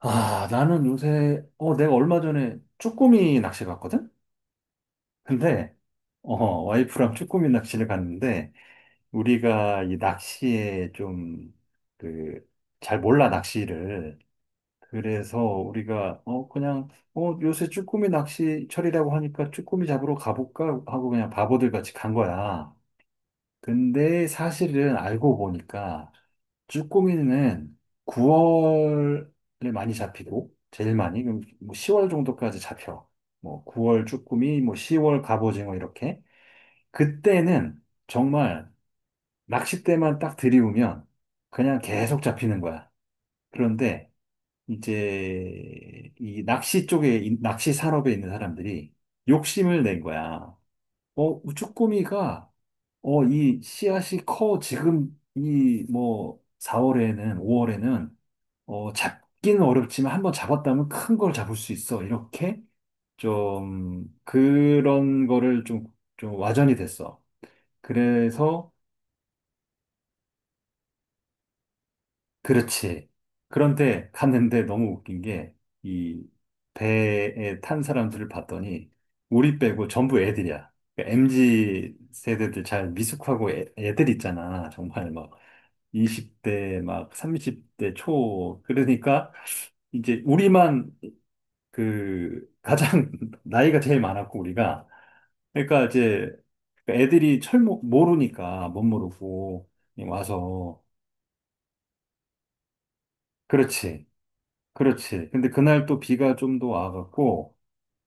아, 나는 요새 내가 얼마 전에 쭈꾸미 낚시 갔거든? 근데 와이프랑 쭈꾸미 낚시를 갔는데, 우리가 이 낚시에 좀, 그, 잘 몰라, 낚시를. 그래서 우리가 그냥, 요새 쭈꾸미 낚시철이라고 하니까 쭈꾸미 잡으러 가볼까 하고 그냥 바보들 같이 간 거야. 근데 사실은 알고 보니까, 쭈꾸미는 9월에 많이 잡히고, 제일 많이, 그럼 뭐 10월 정도까지 잡혀. 뭐 9월 쭈꾸미, 뭐 10월 갑오징어 이렇게. 그때는 정말 낚싯대만 딱 들이우면 그냥 계속 잡히는 거야. 그런데 이제 이 낚시 산업에 있는 사람들이 욕심을 낸 거야. 쭈꾸미가, 이 씨앗이 커. 지금 이 뭐 4월에는, 5월에는 잡기는 어렵지만 한번 잡았다면 큰 걸 잡을 수 있어. 이렇게 좀 그런 거를 좀 와전이 됐어. 그래서 그렇지. 그런데 갔는데 너무 웃긴 게 이 배에 탄 사람들을 봤더니 우리 빼고 전부 애들이야. 그러니까 MZ 세대들 잘 미숙하고 애들 있잖아. 정말 막 20대 막 30대 초. 그러니까 이제 우리만 그 가장 나이가 제일 많았고, 우리가, 그러니까 이제 애들이 철모 모르니까 못 모르고 와서. 그렇지, 그렇지. 근데 그날 또 비가 좀 더 와갖고,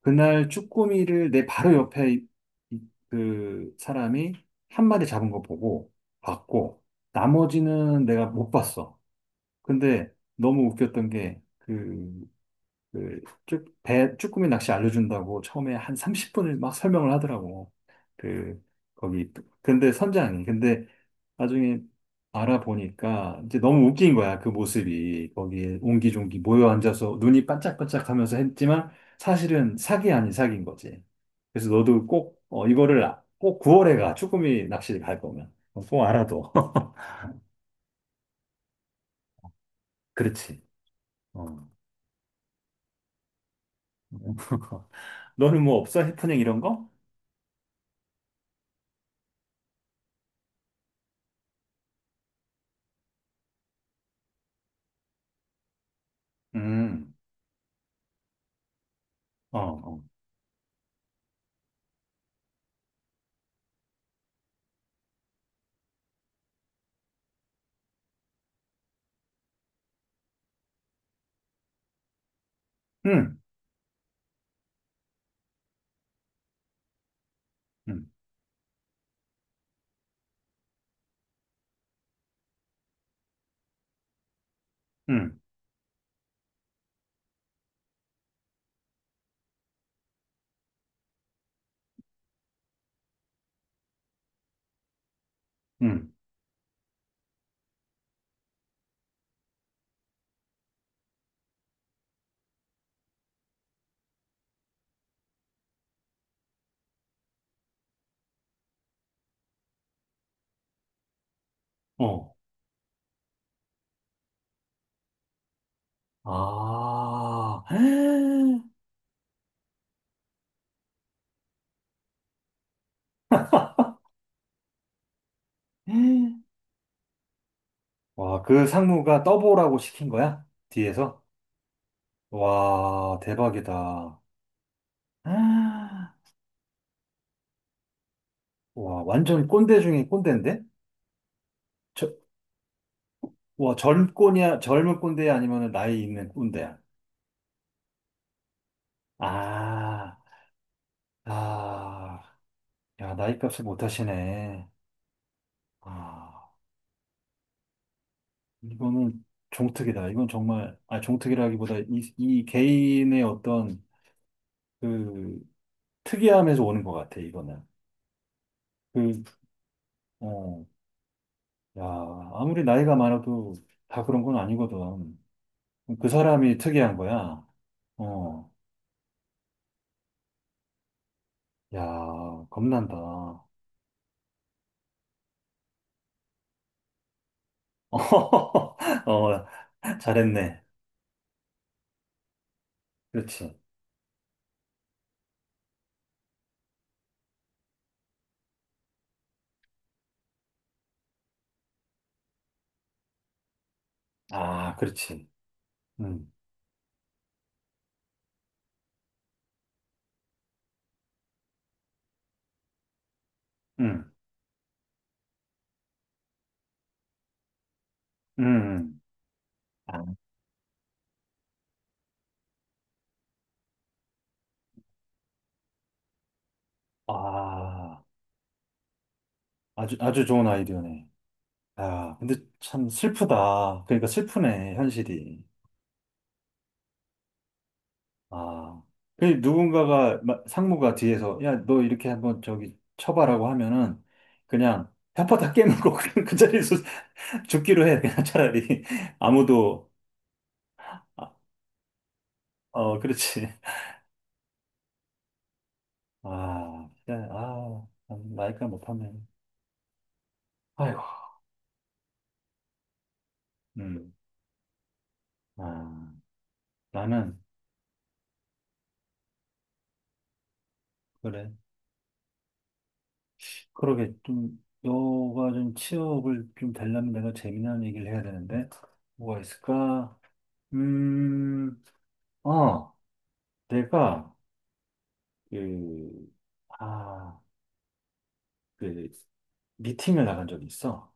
그날 쭈꾸미를 내 바로 옆에 이- 그 사람이 한 마리 잡은 거 보고 봤고, 나머지는 내가 못 봤어. 근데 너무 웃겼던 게그 그, 쭈꾸미 낚시 알려준다고 처음에 한 30분을 막 설명을 하더라고. 그, 거기, 근데 선장이. 근데 나중에 알아보니까 이제 너무 웃긴 거야, 그 모습이. 거기에 옹기종기 모여 앉아서 눈이 반짝반짝 하면서 했지만 사실은 사기 아닌 사기인 거지. 그래서 너도 꼭, 이거를 꼭 9월에 쭈꾸미 낚시를 갈 거면, 꼭 알아둬. 그렇지. 어. 너는 뭐 없어? 해프닝 이런 거? 음. 어, 어. 응, 응, 응, 응, 어. 아, 와, 그 상무가 떠보라고 시킨 거야? 뒤에서? 와, 대박이다. 아, 와, 완전 꼰대 중에 꼰대인데? 저, 와, 젊은 꼰대야? 아니면 나이 있는 꼰대야? 아, 아, 야, 나이 값을 못 하시네. 아, 이거는 종특이다. 이건 정말, 종특이라기보다 이 개인의 어떤 그 특이함에서 오는 것 같아, 이거는. 그, 어, 야, 아무리 나이가 많아도 다 그런 건 아니거든. 그 사람이 특이한 거야. 어, 야, 겁난다. 어, 잘했네. 그렇지. 아, 그렇지. 음, 음, 음. 아, 아, 아주, 아주 좋은 아이디어네. 아, 근데 참 슬프다. 그러니까 슬프네, 현실이. 아, 그 누군가가 상무가 뒤에서, 야, 너 이렇게 한번 저기 쳐봐라고 하면은 그냥 편파 다 깨는 거 그냥 그 자리에서 죽기로 해 그냥 차라리. 아무도. 아, 어, 그렇지. 아, 진짜, 아 참, 나이가 못하네. 아이고. 음, 아 나는. 그래, 그러게 좀 너가 좀 취업을 좀 되려면 내가 재미난 얘기를 해야 되는데 뭐가 있을까? 음, 어 내가 그 아, 그, 미팅을 나간 적이 있어.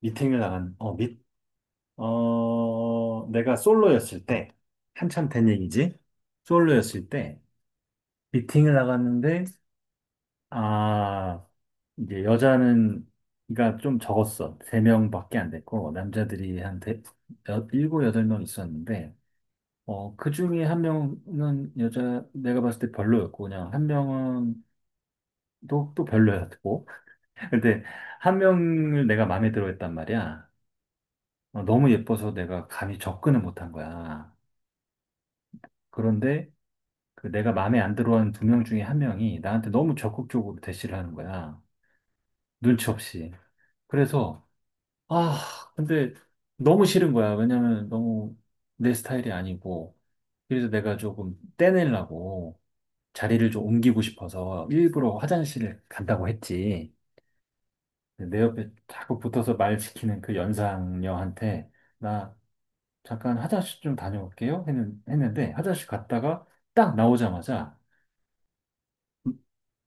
미팅을 나간, 어, 미, 어, 내가 솔로였을 때, 한참 된 얘기지? 솔로였을 때 미팅을 나갔는데, 아, 이제 여자는 그좀 적었어. 세 명밖에 안 됐고, 남자들이 일곱, 여덟 명 있었는데, 그 중에 한 명은 여자, 내가 봤을 때 별로였고, 그냥 한 명은 또 별로였고, 근데 한 명을 내가 마음에 들어 했단 말이야. 너무 예뻐서 내가 감히 접근을 못한 거야. 그런데 내가 마음에 안 들어 한 두 명 중에 한 명이 나한테 너무 적극적으로 대시를 하는 거야, 눈치 없이. 그래서, 아, 근데 너무 싫은 거야. 왜냐면 너무 내 스타일이 아니고. 그래서 내가 조금 떼내려고 자리를 좀 옮기고 싶어서 일부러 화장실을 간다고 했지. 내 옆에 자꾸 붙어서 말 시키는 그 연상녀한테 "나 잠깐 화장실 좀 다녀올게요." 했는데 화장실 갔다가 딱 나오자마자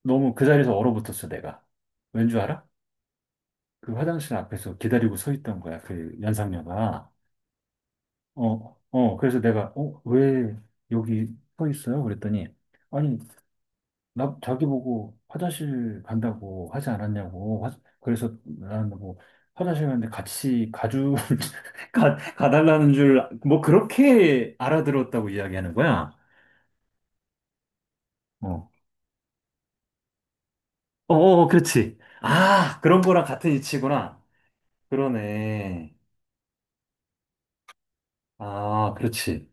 너무 그 자리에서 얼어붙었어, 내가. 왠 줄 알아? 그 화장실 앞에서 기다리고 서 있던 거야, 그 연상녀가. 그래서 내가, "왜 여기 서 있어요?" 그랬더니, 아니, 자기 보고 화장실 간다고 하지 않았냐고. 그래서 나는 뭐 화장실 갔는데 같이 가달라는 줄, 뭐, 그렇게 알아들었다고 이야기하는 거야. 어. 어, 어, 그렇지. 아, 그런 거랑 같은 이치구나. 그러네. 아, 그렇지.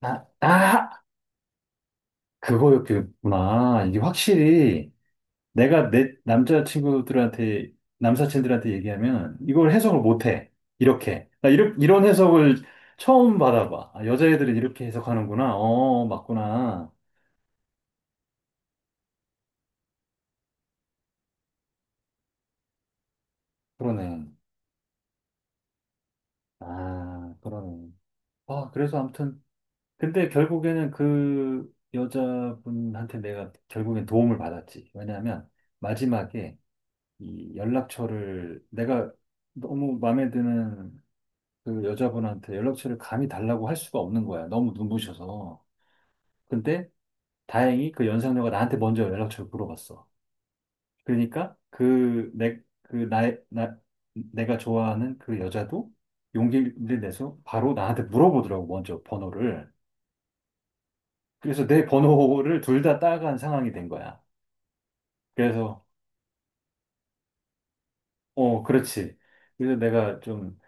아, 그거였구나. 이게 확실히 내가 내 남자친구들한테, 남사친들한테 얘기하면 이걸 해석을 못해, 이렇게. 나 이런 해석을 처음 받아봐. 아, 여자애들은 이렇게 해석하는구나. 맞구나. 그러네. 아, 그러네. 아, 그래서 아무튼. 근데 결국에는 그 여자분한테 내가 결국엔 도움을 받았지. 왜냐하면 마지막에 이 연락처를, 내가 너무 마음에 드는 그 여자분한테 연락처를 감히 달라고 할 수가 없는 거야, 너무 눈부셔서. 근데 다행히 그 연상녀가 나한테 먼저 연락처를 물어봤어. 그러니까 그 내, 그 나의, 나, 내가 좋아하는 그 여자도 용기를 내서 바로 나한테 물어보더라고, 먼저 번호를. 그래서 내 번호를 둘 다 따간 상황이 된 거야. 그래서, 그렇지. 그래서 내가 좀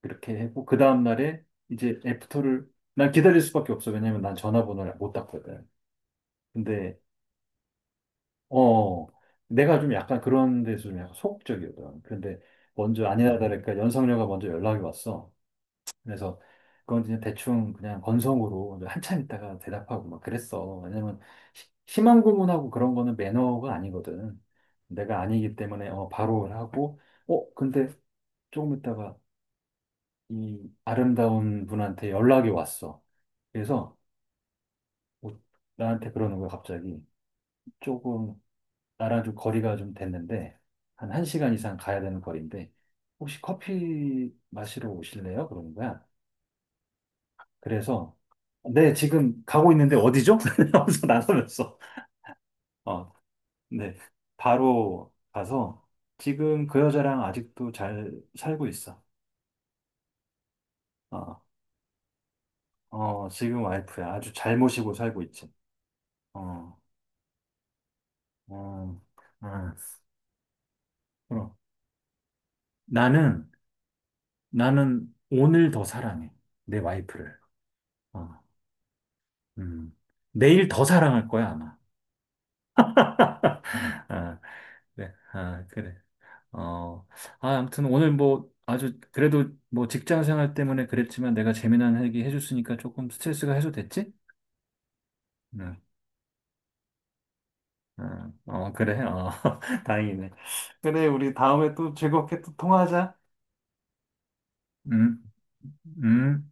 그렇게 했고, 그 다음날에 이제 난 기다릴 수밖에 없어. 왜냐면 난 전화번호를 못 땄거든. 근데, 어, 내가 좀 약간 그런 데서 좀 약간 소극적이거든. 근데 먼저, 아니나 다를까, 연상녀가 먼저 연락이 왔어. 그래서 그건 그냥 대충 그냥 건성으로 한참 있다가 대답하고 막 그랬어. 왜냐면 심한 구문하고 그런 거는 매너가 아니거든. 내가 아니기 때문에, 바로 하고. 근데 조금 있다가 이 아름다운 분한테 연락이 왔어. 그래서 뭐 나한테 그러는 거야 갑자기. 조금 나랑 좀 거리가 좀 됐는데, 한 1시간 이상 가야 되는 거리인데, "혹시 커피 마시러 오실래요?" 그러는 거야. 그래서 "네, 지금 가고 있는데 어디죠?" 하면서 나서면서, 어, 네, 바로 가서 지금 그 여자랑 아직도 잘 살고 있어. 어, 어, 지금 와이프야. 아주 잘 모시고 살고 있지. 어, 어, 어. 그럼 나는, 나는, 오늘 더 사랑해, 내 와이프를. 어, 음. 내일 더 사랑할 거야, 아마. 아, 네, 아, 그래. 어, 아무튼 오늘 뭐 아주 그래도 뭐 직장 생활 때문에 그랬지만 내가 재미난 얘기 해줬으니까 조금 스트레스가 해소됐지? 응. 응. 어, 어, 그래. 어, 다행이네. 그래, 우리 다음에 또 즐겁게 또 통화하자. 응, 응.